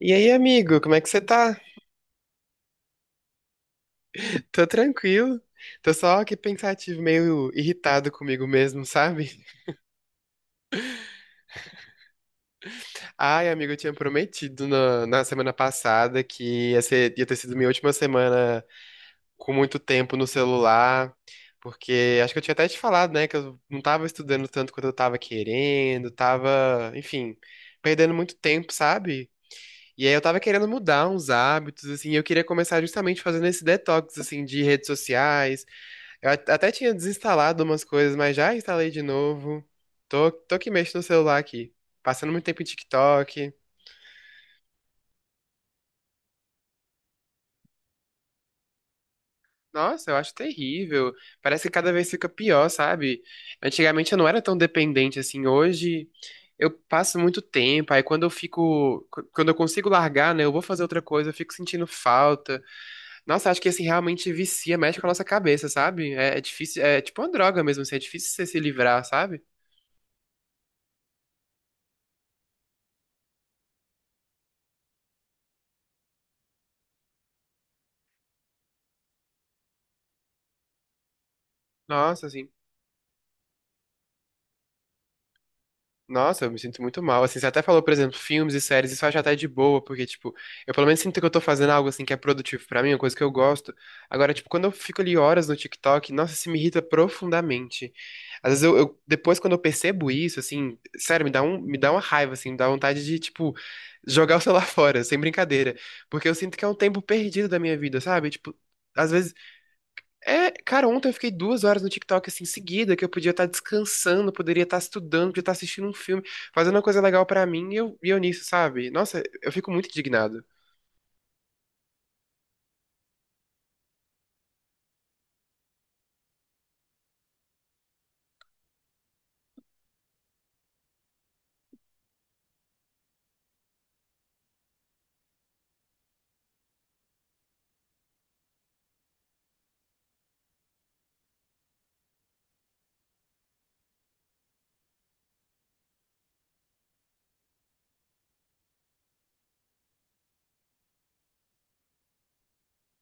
E aí, amigo, como é que você tá? Tô tranquilo. Tô só aqui pensativo, meio irritado comigo mesmo, sabe? Ai, amigo, eu tinha prometido na semana passada que ia ter sido minha última semana com muito tempo no celular, porque acho que eu tinha até te falado, né, que eu não tava estudando tanto quanto eu tava querendo, tava, enfim, perdendo muito tempo, sabe? E aí eu tava querendo mudar uns hábitos, assim, e eu queria começar justamente fazendo esse detox, assim, de redes sociais. Até tinha desinstalado umas coisas, mas já instalei de novo. Tô que mexo no celular aqui. Passando muito tempo em TikTok. Nossa, eu acho terrível. Parece que cada vez fica pior, sabe? Antigamente eu não era tão dependente assim. Hoje eu passo muito tempo. Aí quando eu fico. Quando eu consigo largar, né? Eu vou fazer outra coisa, eu fico sentindo falta. Nossa, acho que assim realmente vicia, mexe com a nossa cabeça, sabe? É, é difícil. É tipo uma droga mesmo, assim. É difícil você se livrar, sabe? Nossa, assim. Nossa, eu me sinto muito mal. Assim, você até falou, por exemplo, filmes e séries, isso eu acho até de boa, porque, tipo, eu pelo menos sinto que eu tô fazendo algo, assim, que é produtivo pra mim, uma coisa que eu gosto. Agora, tipo, quando eu fico ali horas no TikTok, nossa, isso me irrita profundamente. Às vezes, depois, quando eu percebo isso, assim, sério, me dá uma raiva, assim, me dá vontade de, tipo, jogar o celular fora, sem brincadeira. Porque eu sinto que é um tempo perdido da minha vida, sabe? Tipo, às vezes, é, cara, ontem eu fiquei 2 horas no TikTok assim, seguida, que eu podia estar descansando, poderia estar estudando, podia estar assistindo um filme, fazendo uma coisa legal pra mim e eu nisso, sabe? Nossa, eu fico muito indignado.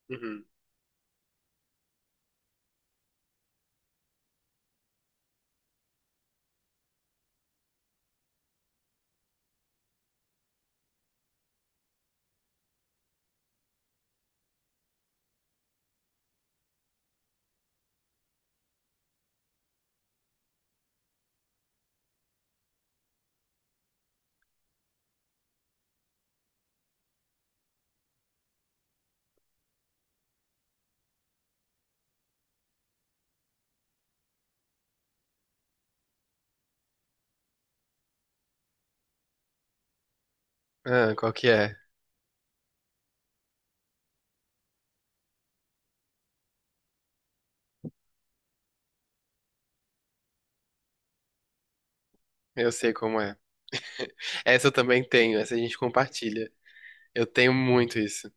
Uhum. Ah, qual que é? Eu sei como é. Essa eu também tenho, essa a gente compartilha. Eu tenho muito isso.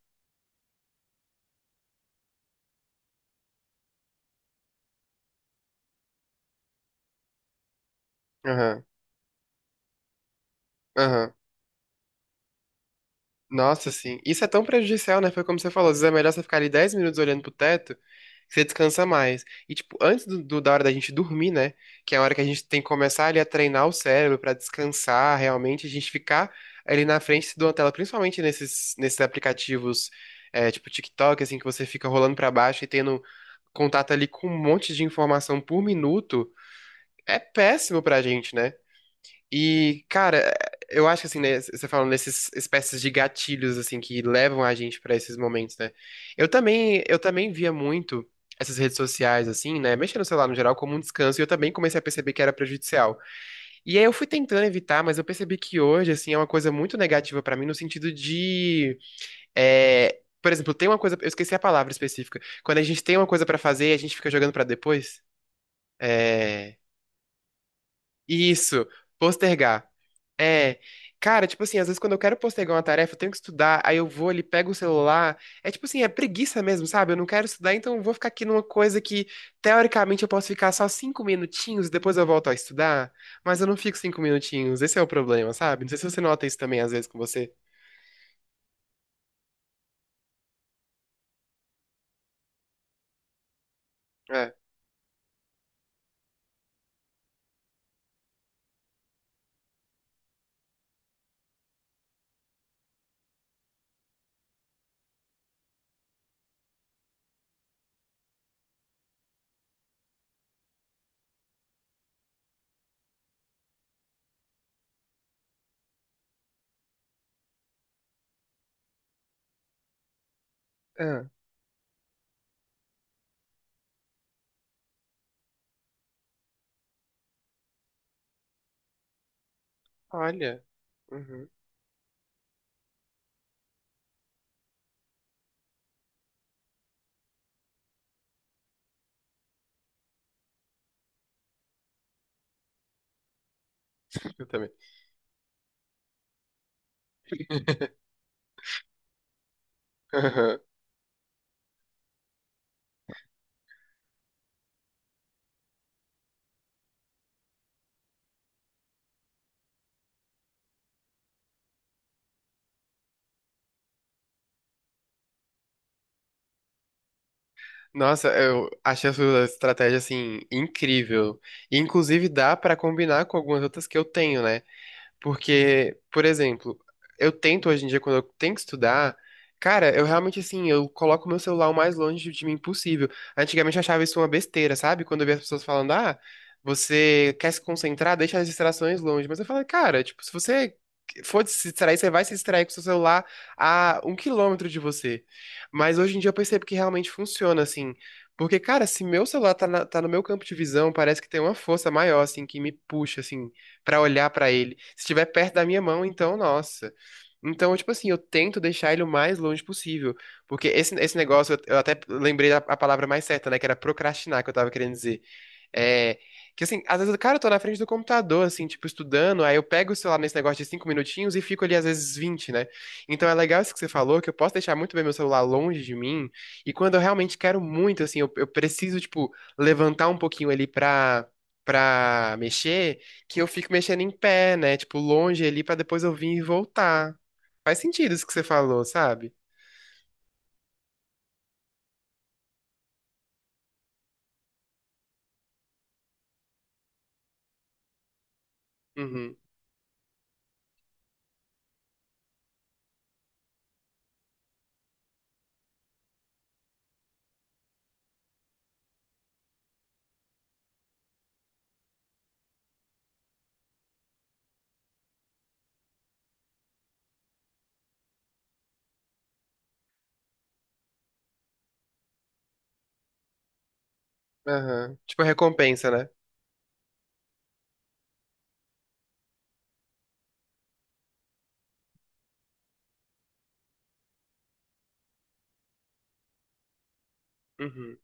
Aham, aham. Nossa, sim. Isso é tão prejudicial, né? Foi como você falou, às vezes é melhor você ficar ali 10 minutos olhando pro teto, que você descansa mais. E, tipo, antes da hora da gente dormir, né? Que é a hora que a gente tem que começar ali a treinar o cérebro pra descansar realmente, a gente ficar ali na frente de uma tela, principalmente nesses aplicativos, é, tipo TikTok, assim, que você fica rolando pra baixo e tendo contato ali com um monte de informação por minuto, é péssimo pra gente, né? E, cara, eu acho que assim, né, você falando dessas espécies de gatilhos assim que levam a gente pra esses momentos, né? Eu também via muito essas redes sociais assim, né, mexendo no celular no geral como um descanso, e eu também comecei a perceber que era prejudicial. E aí eu fui tentando evitar, mas eu percebi que hoje assim é uma coisa muito negativa pra mim no sentido de é, por exemplo, tem uma coisa, eu esqueci a palavra específica. Quando a gente tem uma coisa pra fazer, a gente fica jogando pra depois. é, isso, postergar. É. Cara, tipo assim, às vezes quando eu quero postergar uma tarefa, eu tenho que estudar, aí eu vou ali, pego o celular. É tipo assim, é preguiça mesmo, sabe? Eu não quero estudar, então eu vou ficar aqui numa coisa que, teoricamente, eu posso ficar só 5 minutinhos, e depois eu volto a estudar. Mas eu não fico 5 minutinhos, esse é o problema, sabe? Não sei se você nota isso também, às vezes, com você. É. Ah, olha. Uhum, eu também. Nossa, eu achei a sua estratégia assim incrível. E, inclusive dá pra combinar com algumas outras que eu tenho, né? Porque, por exemplo, eu tento hoje em dia, quando eu tenho que estudar, cara, eu realmente assim, eu coloco o meu celular o mais longe de mim possível. Antigamente eu achava isso uma besteira, sabe? Quando eu via as pessoas falando, ah, você quer se concentrar, deixa as distrações longe. Mas eu falo, cara, tipo, se você for se distrair, você vai se distrair com o seu celular a 1 quilômetro de você. Mas hoje em dia eu percebo que realmente funciona, assim. Porque, cara, se meu celular tá no meu campo de visão, parece que tem uma força maior, assim, que me puxa, assim pra olhar pra ele. Se estiver perto da minha mão, então, nossa. Então, tipo assim, eu tento deixar ele o mais longe possível. Porque esse negócio, eu até lembrei da a palavra mais certa, né? Que era procrastinar, que eu tava querendo dizer. É, que assim, às vezes, cara, eu tô na frente do computador, assim, tipo, estudando, aí eu pego o celular nesse negócio de 5 minutinhos e fico ali, às vezes, 20, né? Então é legal isso que você falou, que eu posso deixar muito bem meu celular longe de mim, e quando eu realmente quero muito, assim, eu preciso, tipo, levantar um pouquinho ali pra mexer, que eu fico mexendo em pé, né? Tipo, longe ali pra depois eu vir e voltar. Faz sentido isso que você falou, sabe? Uhum. Aham. Tipo, recompensa, né? Uhum.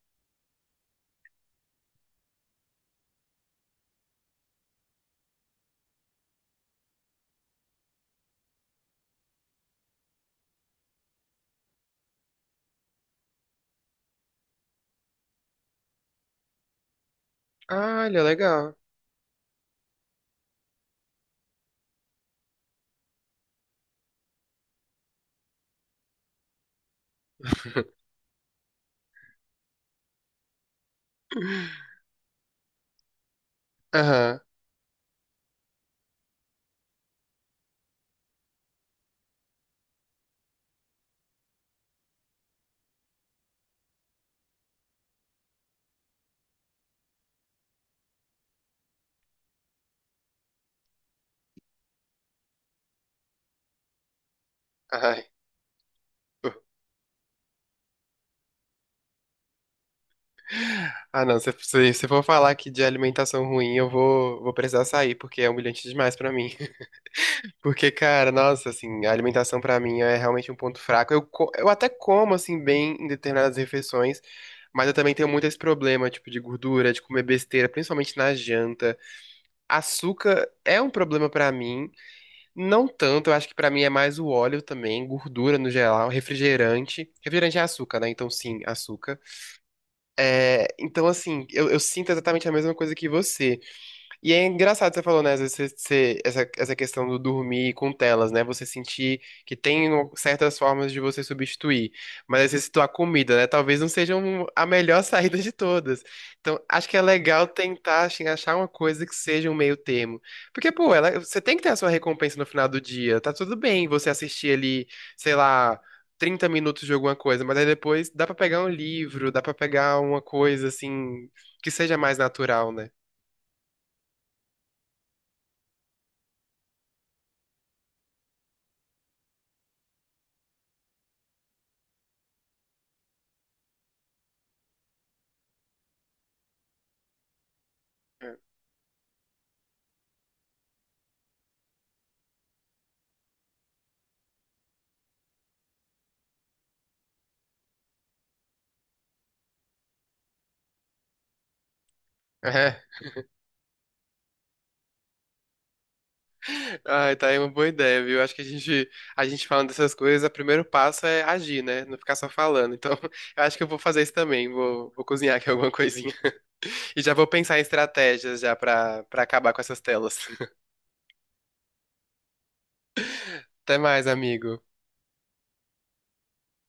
Ah, olha, legal. Aham. Ai. Ah, não, se for falar aqui de alimentação ruim, vou precisar sair, porque é humilhante demais pra mim. Porque, cara, nossa, assim, a alimentação pra mim é realmente um ponto fraco. Eu até como, assim, bem em determinadas refeições, mas eu também tenho muito esse problema, tipo, de gordura, de comer besteira, principalmente na janta. Açúcar é um problema pra mim, não tanto, eu acho que pra mim é mais o óleo também, gordura no geral, refrigerante. Refrigerante é açúcar, né? Então, sim, açúcar. É, então, assim, eu sinto exatamente a mesma coisa que você. E é engraçado você falou, né? Às vezes essa, essa questão do dormir com telas, né? Você sentir que tem certas formas de você substituir. Mas às vezes citou a comida, né? Talvez não seja a melhor saída de todas. Então, acho que é legal tentar assim, achar uma coisa que seja um meio termo. Porque, pô, você tem que ter a sua recompensa no final do dia. Tá tudo bem você assistir ali, sei lá. 30 minutos de alguma coisa, mas aí depois dá pra pegar um livro, dá pra pegar uma coisa assim que seja mais natural, né? Ai, tá aí uma boa ideia, viu? Acho que a gente falando dessas coisas, o primeiro passo é agir, né? Não ficar só falando. Então, eu acho que eu vou fazer isso também. Vou cozinhar aqui alguma coisinha. E já vou pensar em estratégias já pra acabar com essas telas. Até mais, amigo.